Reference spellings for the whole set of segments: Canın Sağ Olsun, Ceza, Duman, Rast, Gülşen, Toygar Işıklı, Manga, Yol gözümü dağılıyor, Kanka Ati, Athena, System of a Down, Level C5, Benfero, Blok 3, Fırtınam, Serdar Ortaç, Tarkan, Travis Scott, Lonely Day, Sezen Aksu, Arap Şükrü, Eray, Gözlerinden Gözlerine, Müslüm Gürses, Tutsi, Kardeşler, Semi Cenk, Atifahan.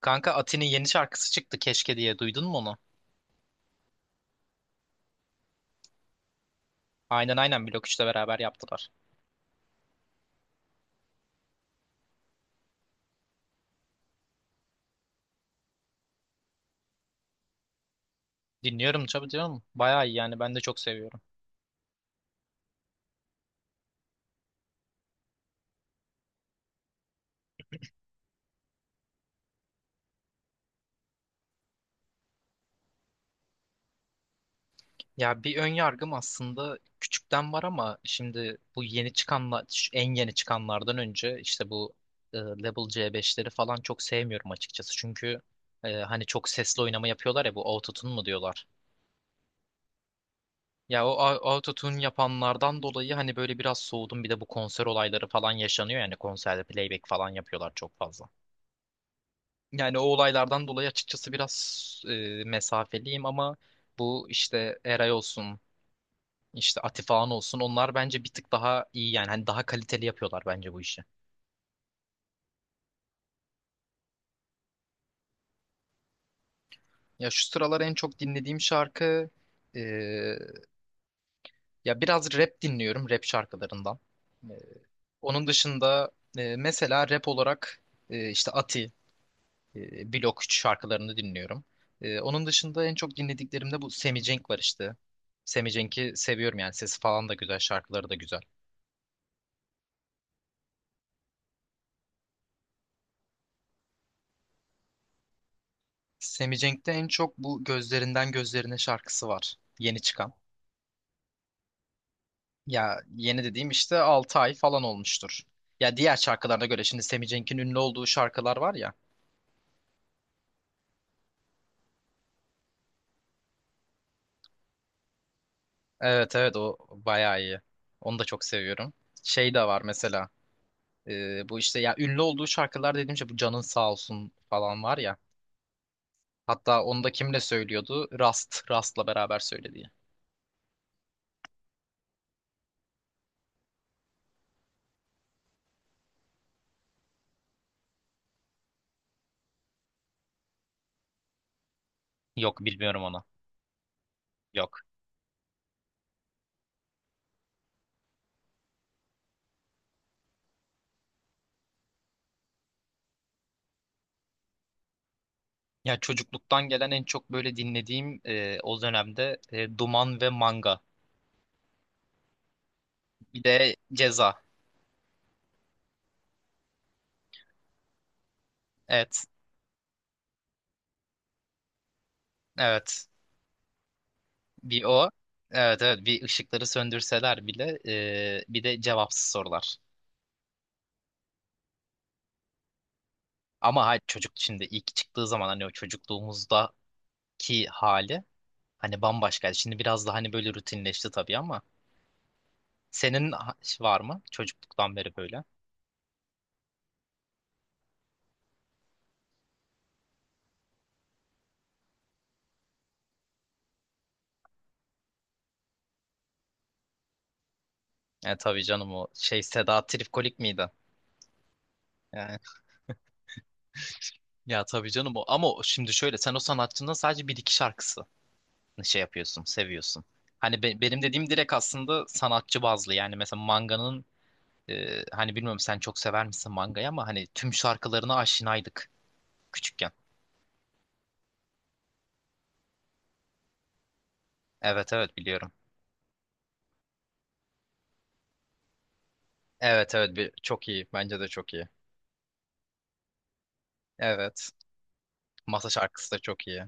Kanka Ati'nin yeni şarkısı çıktı keşke diye duydun mu onu? Aynen aynen Blok 3'le beraber yaptılar. Dinliyorum tabii diyorum. Bayağı iyi yani ben de çok seviyorum. Ya bir ön yargım aslında küçükten var ama şimdi bu yeni çıkanlar şu en yeni çıkanlardan önce işte bu Level C5'leri falan çok sevmiyorum açıkçası. Çünkü hani çok sesli oynama yapıyorlar ya bu autotune mu diyorlar. Ya o autotune yapanlardan dolayı hani böyle biraz soğudum, bir de bu konser olayları falan yaşanıyor yani konserde playback falan yapıyorlar çok fazla. Yani o olaylardan dolayı açıkçası biraz mesafeliyim ama bu işte Eray olsun, işte Atifahan olsun, onlar bence bir tık daha iyi yani hani daha kaliteli yapıyorlar bence bu işi. Ya şu sıralar en çok dinlediğim şarkı e, ya biraz rap dinliyorum, rap şarkılarından. E, onun dışında mesela rap olarak işte Ati, Blok 3 şarkılarını dinliyorum. Onun dışında en çok dinlediklerimde bu Semi Cenk var işte. Semi Cenk'i seviyorum, yani sesi falan da güzel, şarkıları da güzel. Semi Cenk'te en çok bu Gözlerinden Gözlerine şarkısı var. Yeni çıkan. Ya yeni dediğim işte 6 ay falan olmuştur. Ya diğer şarkılarına göre, şimdi Semi Cenk'in ünlü olduğu şarkılar var ya. Evet evet, o bayağı iyi. Onu da çok seviyorum. Şey de var mesela. Bu işte ya, ünlü olduğu şarkılar dediğimce bu Canın Sağ Olsun falan var ya. Hatta onu da kimle söylüyordu? Rast'la beraber söylediği. Yok, bilmiyorum onu. Yok. Ya çocukluktan gelen en çok böyle dinlediğim o dönemde Duman ve Manga. Bir de Ceza. Evet. Evet. Bir o. Evet evet, bir ışıkları söndürseler bile, bir de cevapsız sorular. Ama hayır, çocuk şimdi ilk çıktığı zaman hani o çocukluğumuzdaki hali hani bambaşkaydı. Şimdi biraz daha hani böyle rutinleşti tabii ama senin var mı çocukluktan beri böyle? Tabii canım, o şey Seda Tripkolik miydi? Yani, ya tabii canım o. Ama şimdi şöyle, sen o sanatçının sadece bir iki şarkısı şey yapıyorsun, seviyorsun. Hani benim dediğim direkt aslında sanatçı bazlı. Yani mesela Manga'nın hani bilmiyorum, sen çok sever misin Manga'yı, ama hani tüm şarkılarına aşinaydık küçükken. Evet evet biliyorum. Evet evet bir, çok iyi. Bence de çok iyi. Evet. Masa şarkısı da çok iyi.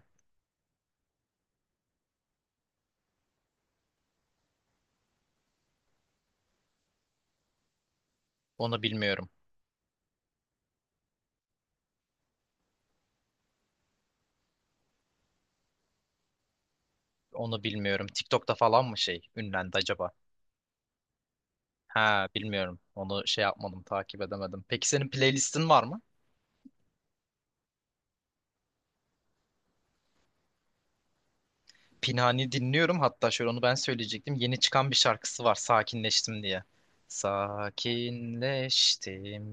Onu bilmiyorum. Onu bilmiyorum. TikTok'ta falan mı şey ünlendi acaba? Ha, bilmiyorum. Onu şey yapmadım, takip edemedim. Peki senin playlistin var mı? Pinhani dinliyorum. Hatta şöyle, onu ben söyleyecektim. Yeni çıkan bir şarkısı var. Sakinleştim diye. Sakinleştim.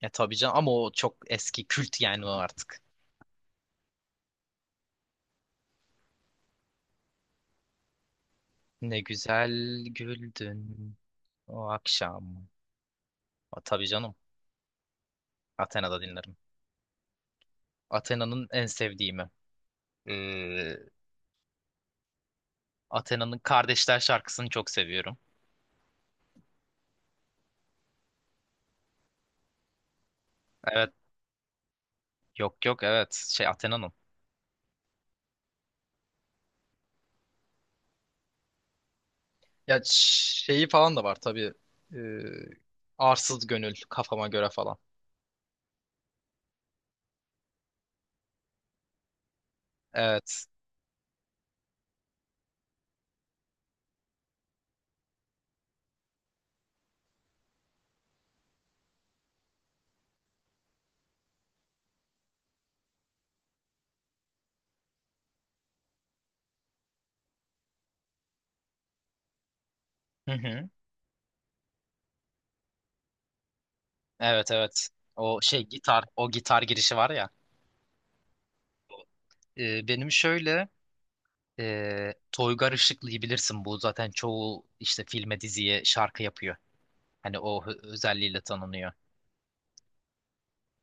Ya tabii canım, ama o çok eski kült yani o artık. Ne güzel güldün o akşam. A, tabii canım. Athena'da dinlerim. Athena'nın en sevdiğimi. Ee, Athena'nın Kardeşler şarkısını çok seviyorum. Evet. Yok yok, evet. Şey, Athena'nın. Ya şeyi falan da var tabii. Ee, arsız gönül, kafama göre falan. Evet. Hı hı. Evet evet. O şey gitar, o gitar girişi var ya. Benim şöyle, Toygar Işıklı'yı bilirsin. Bu zaten çoğu işte filme, diziye şarkı yapıyor. Hani o özelliğiyle tanınıyor.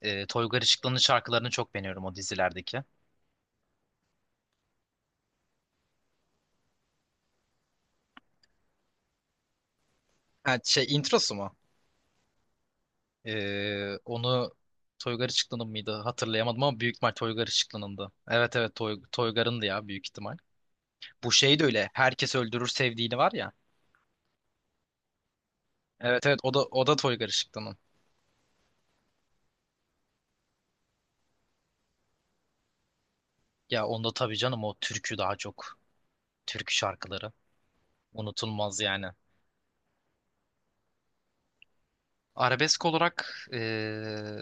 Toygar Işıklı'nın şarkılarını çok beğeniyorum, o dizilerdeki. Ha, şey introsu mu? Onu Toygar Işıklı'nın mıydı? Hatırlayamadım ama büyük ihtimal Toygar Işıklı'nındı. Evet evet, Toygar'ındı ya büyük ihtimal. Bu şey de öyle. Herkes Öldürür Sevdiğini var ya. Evet evet, o da Toygar Işıklı'nın. Ya onda tabii canım, o türkü daha çok. Türkü şarkıları. Unutulmaz yani. Arabesk olarak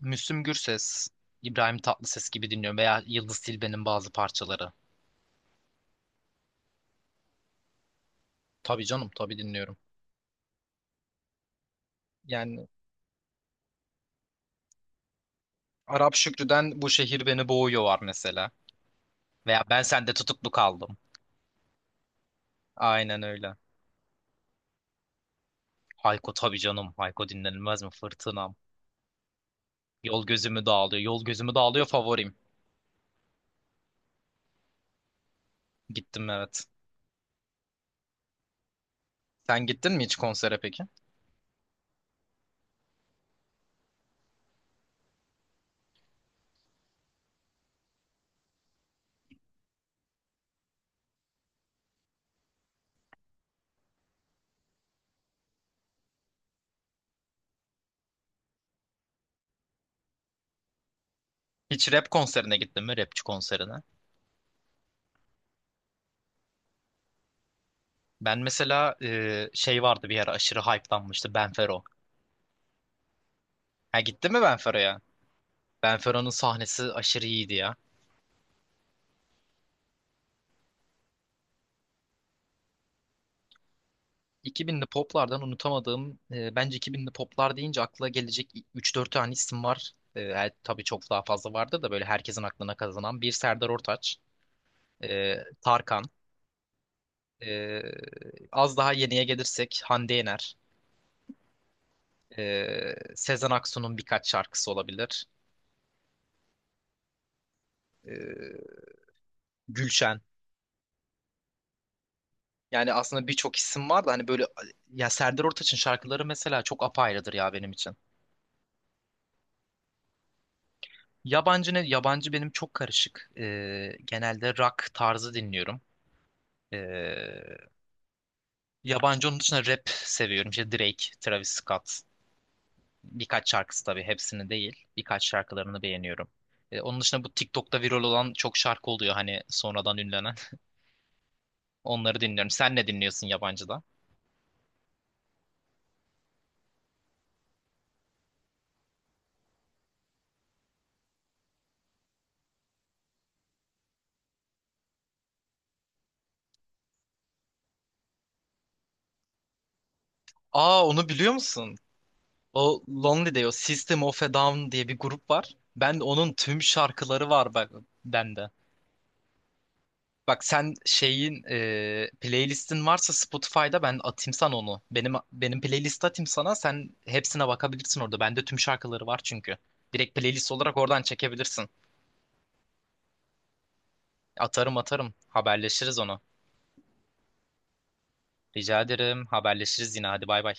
Müslüm Gürses, İbrahim Tatlıses gibi dinliyorum, veya Yıldız Tilbe'nin bazı parçaları. Tabii canım, tabii dinliyorum. Yani Arap Şükrü'den Bu Şehir Beni Boğuyor var mesela. Veya ben sende tutuklu kaldım. Aynen öyle. Hayko tabii canım. Hayko dinlenilmez mi? Fırtınam. Yol gözümü dağılıyor. Yol gözümü dağılıyor favorim. Gittim evet. Sen gittin mi hiç konsere peki? Hiç rap konserine gittin mi? Rapçi konserine. Ben mesela şey vardı, bir ara aşırı hype'lanmıştı. Benfero. Ha, gitti mi Benfero'ya? Benfero'nun sahnesi aşırı iyiydi ya. 2000'li poplardan unutamadığım, bence 2000'li poplar deyince akla gelecek 3-4 tane isim var. Tabii çok daha fazla vardı da, böyle herkesin aklına kazanan bir Serdar Ortaç, e, Tarkan, e, az daha yeniye gelirsek Hande Yener, Sezen Aksu'nun birkaç şarkısı olabilir, e, Gülşen. Yani aslında birçok isim var da hani böyle, ya Serdar Ortaç'ın şarkıları mesela çok apayrıdır ya benim için. Yabancı ne? Yabancı benim çok karışık. Genelde rock tarzı dinliyorum. Ee, yabancı onun dışında rap seviyorum. İşte Drake, Travis Scott. Birkaç şarkısı tabii, hepsini değil. Birkaç şarkılarını beğeniyorum. Onun dışında bu TikTok'ta viral olan çok şarkı oluyor hani sonradan ünlenen. Onları dinliyorum. Sen ne dinliyorsun yabancıda? Aa, onu biliyor musun? O Lonely Day, o System of a Down diye bir grup var. Ben onun tüm şarkıları var bak bende. Bak sen şeyin playlistin varsa Spotify'da, ben atayım sana onu. Benim playlist atayım sana. Sen hepsine bakabilirsin orada. Bende tüm şarkıları var çünkü. Direkt playlist olarak oradan çekebilirsin. Atarım atarım. Haberleşiriz onu. Rica ederim. Haberleşiriz yine. Hadi bay bay.